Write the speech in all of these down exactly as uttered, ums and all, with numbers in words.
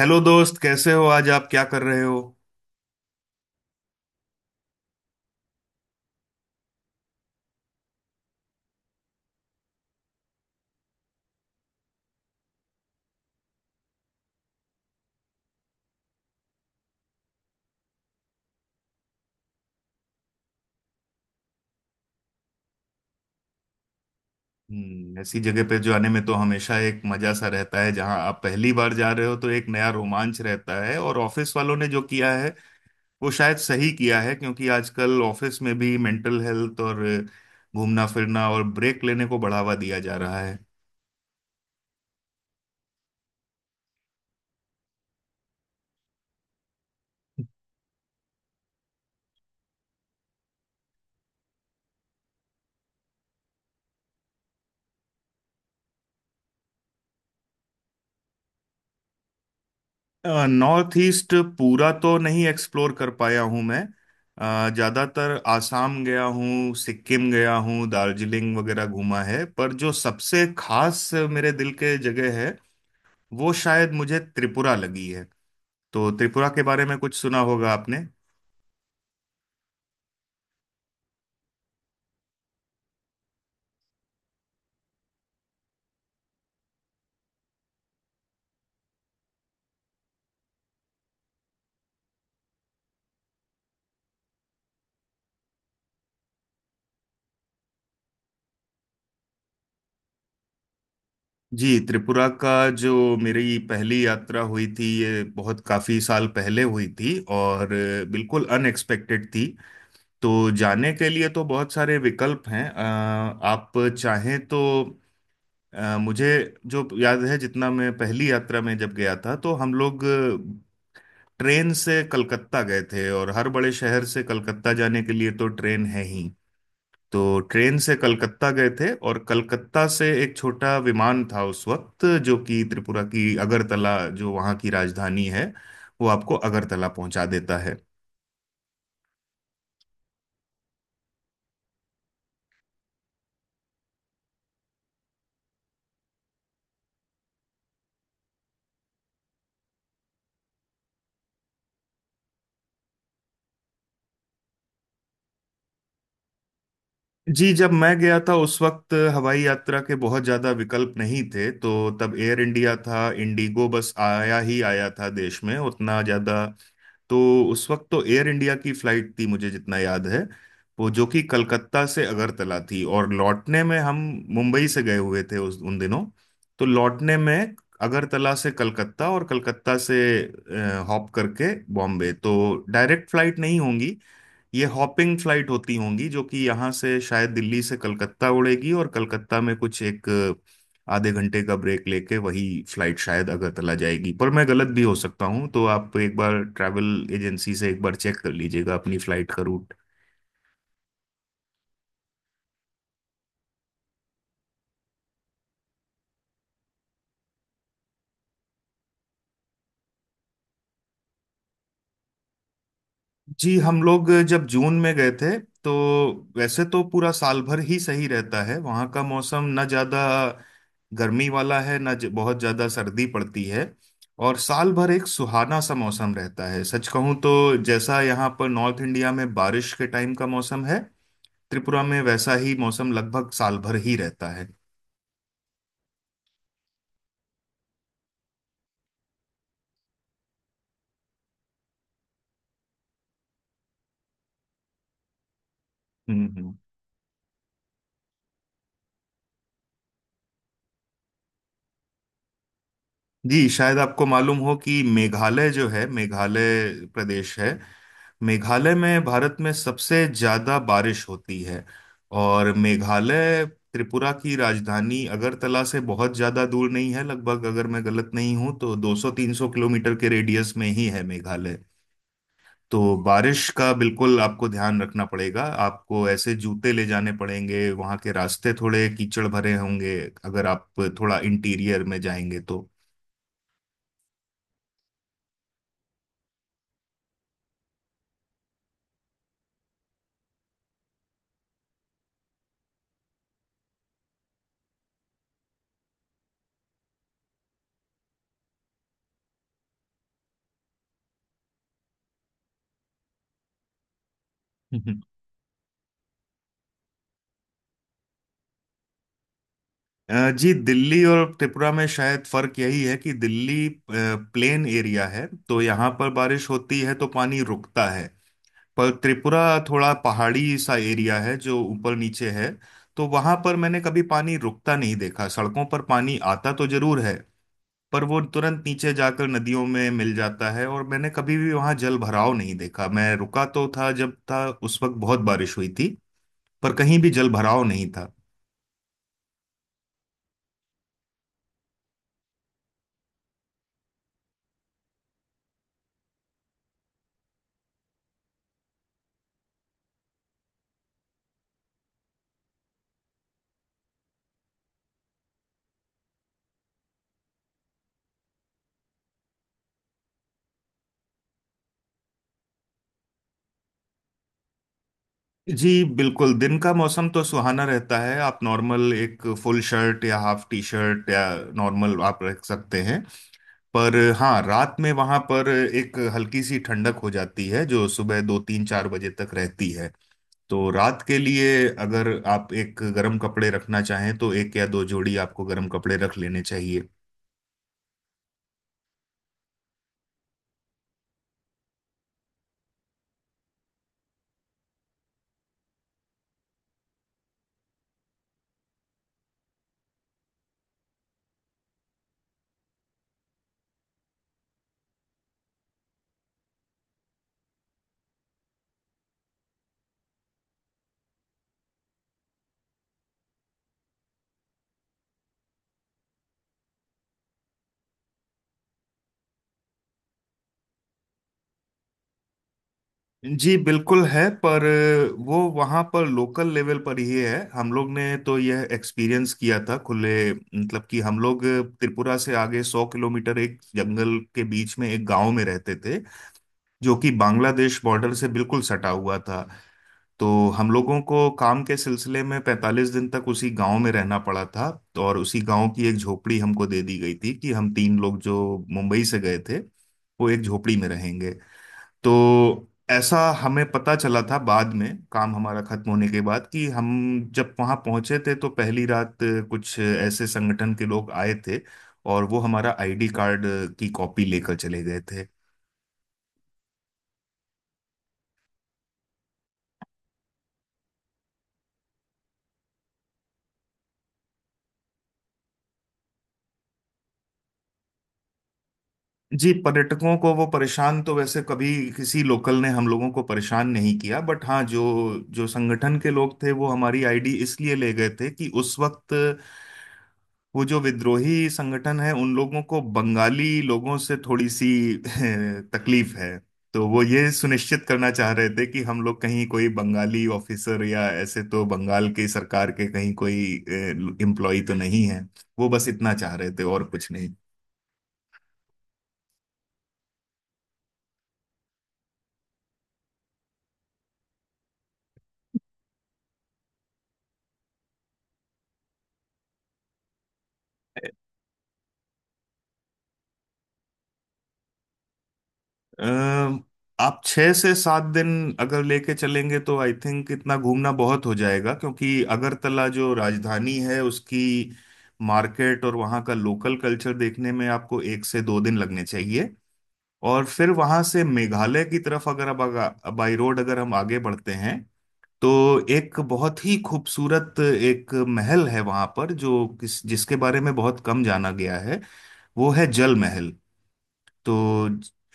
Hello दोस्त, कैसे हो? आज आप क्या कर रहे हो? हम्म, ऐसी जगह पे जाने में तो हमेशा एक मजा सा रहता है। जहां आप पहली बार जा रहे हो तो एक नया रोमांच रहता है। और ऑफिस वालों ने जो किया है वो शायद सही किया है, क्योंकि आजकल ऑफिस में भी मेंटल हेल्थ और घूमना फिरना और ब्रेक लेने को बढ़ावा दिया जा रहा है। नॉर्थ ईस्ट पूरा तो नहीं एक्सप्लोर कर पाया हूँ मैं। अ, ज़्यादातर आसाम गया हूँ, सिक्किम गया हूँ, दार्जिलिंग वगैरह घूमा है। पर जो सबसे खास मेरे दिल के जगह है वो शायद मुझे त्रिपुरा लगी है। तो त्रिपुरा के बारे में कुछ सुना होगा आपने? जी, त्रिपुरा का जो मेरी पहली यात्रा हुई थी ये बहुत काफ़ी साल पहले हुई थी, और बिल्कुल अनएक्सपेक्टेड थी। तो जाने के लिए तो बहुत सारे विकल्प हैं। अ, आप चाहें तो, अ, मुझे जो याद है जितना, मैं पहली यात्रा में जब गया था तो हम लोग ट्रेन से कलकत्ता गए थे। और हर बड़े शहर से कलकत्ता जाने के लिए तो ट्रेन है ही। तो ट्रेन से कलकत्ता गए थे और कलकत्ता से एक छोटा विमान था उस वक्त, जो कि त्रिपुरा की अगरतला जो वहाँ की राजधानी है, वो आपको अगरतला पहुंचा देता है। जी, जब मैं गया था उस वक्त हवाई यात्रा के बहुत ज़्यादा विकल्प नहीं थे। तो तब एयर इंडिया था, इंडिगो बस आया ही आया था देश में, उतना ज़्यादा। तो उस वक्त तो एयर इंडिया की फ़्लाइट थी, मुझे जितना याद है, वो जो कि कलकत्ता से अगरतला थी। और लौटने में हम मुंबई से गए हुए थे उस, उन दिनों। तो लौटने में अगरतला से कलकत्ता और कलकत्ता से अ, हॉप करके बॉम्बे। तो डायरेक्ट फ्लाइट नहीं होंगी, ये हॉपिंग फ्लाइट होती होंगी, जो कि यहाँ से शायद दिल्ली से कलकत्ता उड़ेगी, और कलकत्ता में कुछ एक अ, आधे घंटे का ब्रेक लेके वही फ्लाइट शायद अगरतला जाएगी। पर मैं गलत भी हो सकता हूँ, तो आप एक बार ट्रैवल एजेंसी से एक बार चेक कर लीजिएगा अपनी फ्लाइट का रूट। जी, हम लोग जब जून में गए थे तो, वैसे तो पूरा साल भर ही सही रहता है वहाँ का मौसम। ना ज़्यादा गर्मी वाला है, ना ज- बहुत ज़्यादा सर्दी पड़ती है। और साल भर एक सुहाना सा मौसम रहता है। सच कहूँ तो, जैसा यहाँ पर नॉर्थ इंडिया में बारिश के टाइम का मौसम है, त्रिपुरा में वैसा ही मौसम लगभग साल भर ही रहता है। हम्म, हम्म। जी, शायद आपको मालूम हो कि मेघालय जो है, मेघालय प्रदेश है, मेघालय में भारत में सबसे ज्यादा बारिश होती है। और मेघालय त्रिपुरा की राजधानी अगरतला से बहुत ज्यादा दूर नहीं है। लगभग, अगर मैं गलत नहीं हूं तो दो सौ तीन सौ किलोमीटर के रेडियस में ही है मेघालय। तो बारिश का बिल्कुल आपको ध्यान रखना पड़ेगा। आपको ऐसे जूते ले जाने पड़ेंगे, वहां के रास्ते थोड़े कीचड़ भरे होंगे अगर आप थोड़ा इंटीरियर में जाएंगे तो। अ, जी, दिल्ली और त्रिपुरा में शायद फर्क यही है कि दिल्ली अ, प्लेन एरिया है, तो यहाँ पर बारिश होती है तो पानी रुकता है। पर त्रिपुरा थोड़ा पहाड़ी सा एरिया है जो ऊपर नीचे है। तो वहां पर मैंने कभी पानी रुकता नहीं देखा। सड़कों पर पानी आता तो जरूर है, पर वो तुरंत नीचे जाकर नदियों में मिल जाता है। और मैंने कभी भी वहां जल भराव नहीं देखा। मैं रुका तो था, जब था उस वक्त बहुत बारिश हुई थी, पर कहीं भी जल भराव नहीं था। जी बिल्कुल, दिन का मौसम तो सुहाना रहता है। आप नॉर्मल एक फुल शर्ट या हाफ टी शर्ट या नॉर्मल आप रख सकते हैं। पर हाँ, रात में वहां पर एक हल्की सी ठंडक हो जाती है, जो सुबह दो तीन चार बजे तक रहती है। तो रात के लिए, अगर आप एक गर्म कपड़े रखना चाहें तो एक या दो जोड़ी आपको गर्म कपड़े रख लेने चाहिए। जी बिल्कुल है, पर वो वहाँ पर लोकल लेवल पर ही है। हम लोग ने तो यह एक्सपीरियंस किया था खुले, मतलब कि हम लोग त्रिपुरा से आगे सौ किलोमीटर एक जंगल के बीच में एक गांव में रहते थे, जो कि बांग्लादेश बॉर्डर से बिल्कुल सटा हुआ था। तो हम लोगों को काम के सिलसिले में पैंतालीस दिन तक उसी गांव में रहना पड़ा था। तो और उसी गांव की एक झोपड़ी हमको दे दी गई थी कि हम तीन लोग जो मुंबई से गए थे वो एक झोपड़ी में रहेंगे। तो ऐसा हमें पता चला था बाद में, काम हमारा खत्म होने के बाद, कि हम जब वहां पहुंचे थे तो पहली रात अ, कुछ ऐसे संगठन के लोग आए थे, और वो हमारा आईडी कार्ड की कॉपी लेकर चले गए थे। जी, पर्यटकों को वो परेशान तो वैसे कभी, किसी लोकल ने हम लोगों को परेशान नहीं किया। बट हाँ, जो जो संगठन के लोग थे, वो हमारी आईडी इसलिए ले गए थे कि उस वक्त वो जो विद्रोही संगठन है, उन लोगों को बंगाली लोगों से थोड़ी सी तकलीफ है। तो वो ये सुनिश्चित करना चाह रहे थे कि हम लोग कहीं कोई बंगाली ऑफिसर या ऐसे तो बंगाल की सरकार के कहीं कोई एम्प्लॉय तो नहीं है। वो बस इतना चाह रहे थे, और कुछ नहीं। अम, आप छह से सात दिन अगर लेके चलेंगे तो आई थिंक इतना घूमना बहुत हो जाएगा। क्योंकि अगरतला जो राजधानी है उसकी मार्केट और वहाँ का लोकल कल्चर देखने में आपको एक से दो दिन लगने चाहिए। और फिर वहाँ से मेघालय की तरफ अगर, अब अगर बाई रोड अगर हम आगे बढ़ते हैं तो, एक बहुत ही खूबसूरत एक महल है वहाँ पर, जो किस जिसके बारे में बहुत कम जाना गया है, वो है जल महल। तो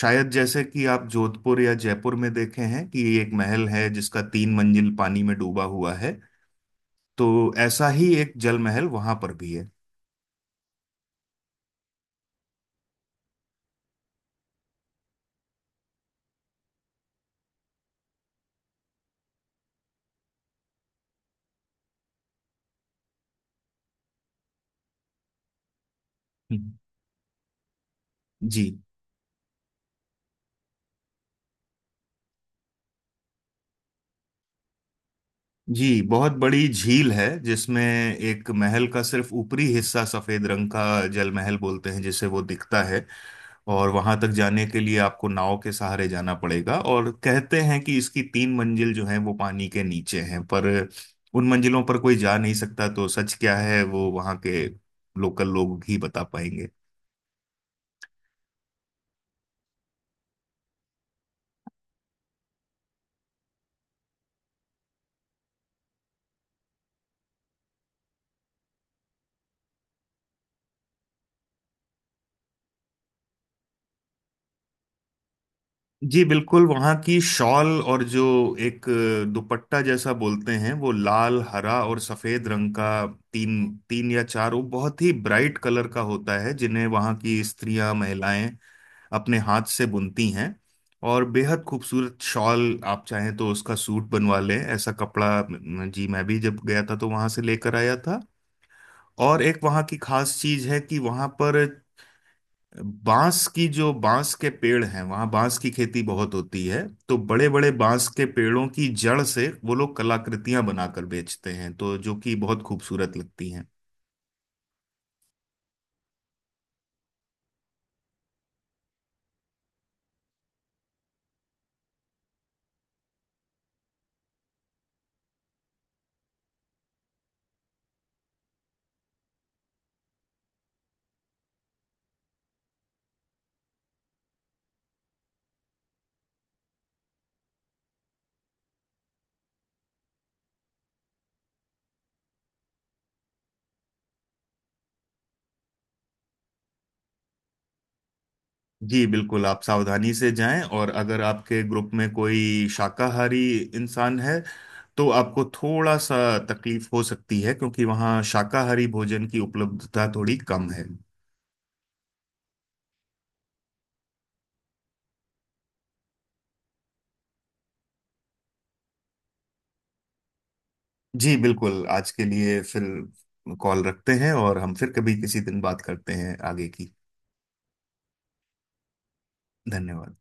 शायद जैसे कि आप जोधपुर या जयपुर में देखे हैं कि एक महल है जिसका तीन मंजिल पानी में डूबा हुआ है, तो ऐसा ही एक जल महल वहां पर भी है। हम्म। जी। जी, बहुत बड़ी झील है जिसमें एक महल का सिर्फ ऊपरी हिस्सा, सफेद रंग का, जल महल बोलते हैं जिसे, वो दिखता है। और वहां तक जाने के लिए आपको नाव के सहारे जाना पड़ेगा। और कहते हैं कि इसकी तीन मंजिल जो है वो पानी के नीचे हैं, पर उन मंजिलों पर कोई जा नहीं सकता। तो सच क्या है वो वहां के लोकल लोग ही बता पाएंगे। जी बिल्कुल, वहाँ की शॉल, और जो एक अ, दुपट्टा जैसा बोलते हैं, वो लाल हरा और सफेद रंग का, तीन, तीन या चार, वो बहुत ही ब्राइट कलर का होता है, जिन्हें वहाँ की स्त्रियां, महिलाएं अपने हाथ से बुनती हैं। और बेहद खूबसूरत शॉल, आप चाहें तो उसका सूट बनवा लें, ऐसा कपड़ा म, जी मैं भी जब गया था तो वहां से लेकर आया था। और एक वहाँ की खास चीज है कि वहां पर बांस की, जो बांस के पेड़ हैं, वहाँ बांस की खेती बहुत होती है। तो बड़े बड़े बांस के पेड़ों की जड़ से वो लोग कलाकृतियां बनाकर बेचते हैं, तो जो कि बहुत खूबसूरत लगती हैं। जी बिल्कुल, आप सावधानी से जाएं। और अगर आपके ग्रुप में कोई शाकाहारी इंसान है तो आपको थोड़ा सा तकलीफ हो सकती है, क्योंकि वहाँ शाकाहारी भोजन की उपलब्धता थोड़ी कम है। जी बिल्कुल, आज के लिए फिर कॉल रखते हैं, और हम फिर कभी किसी दिन बात करते हैं आगे की। धन्यवाद।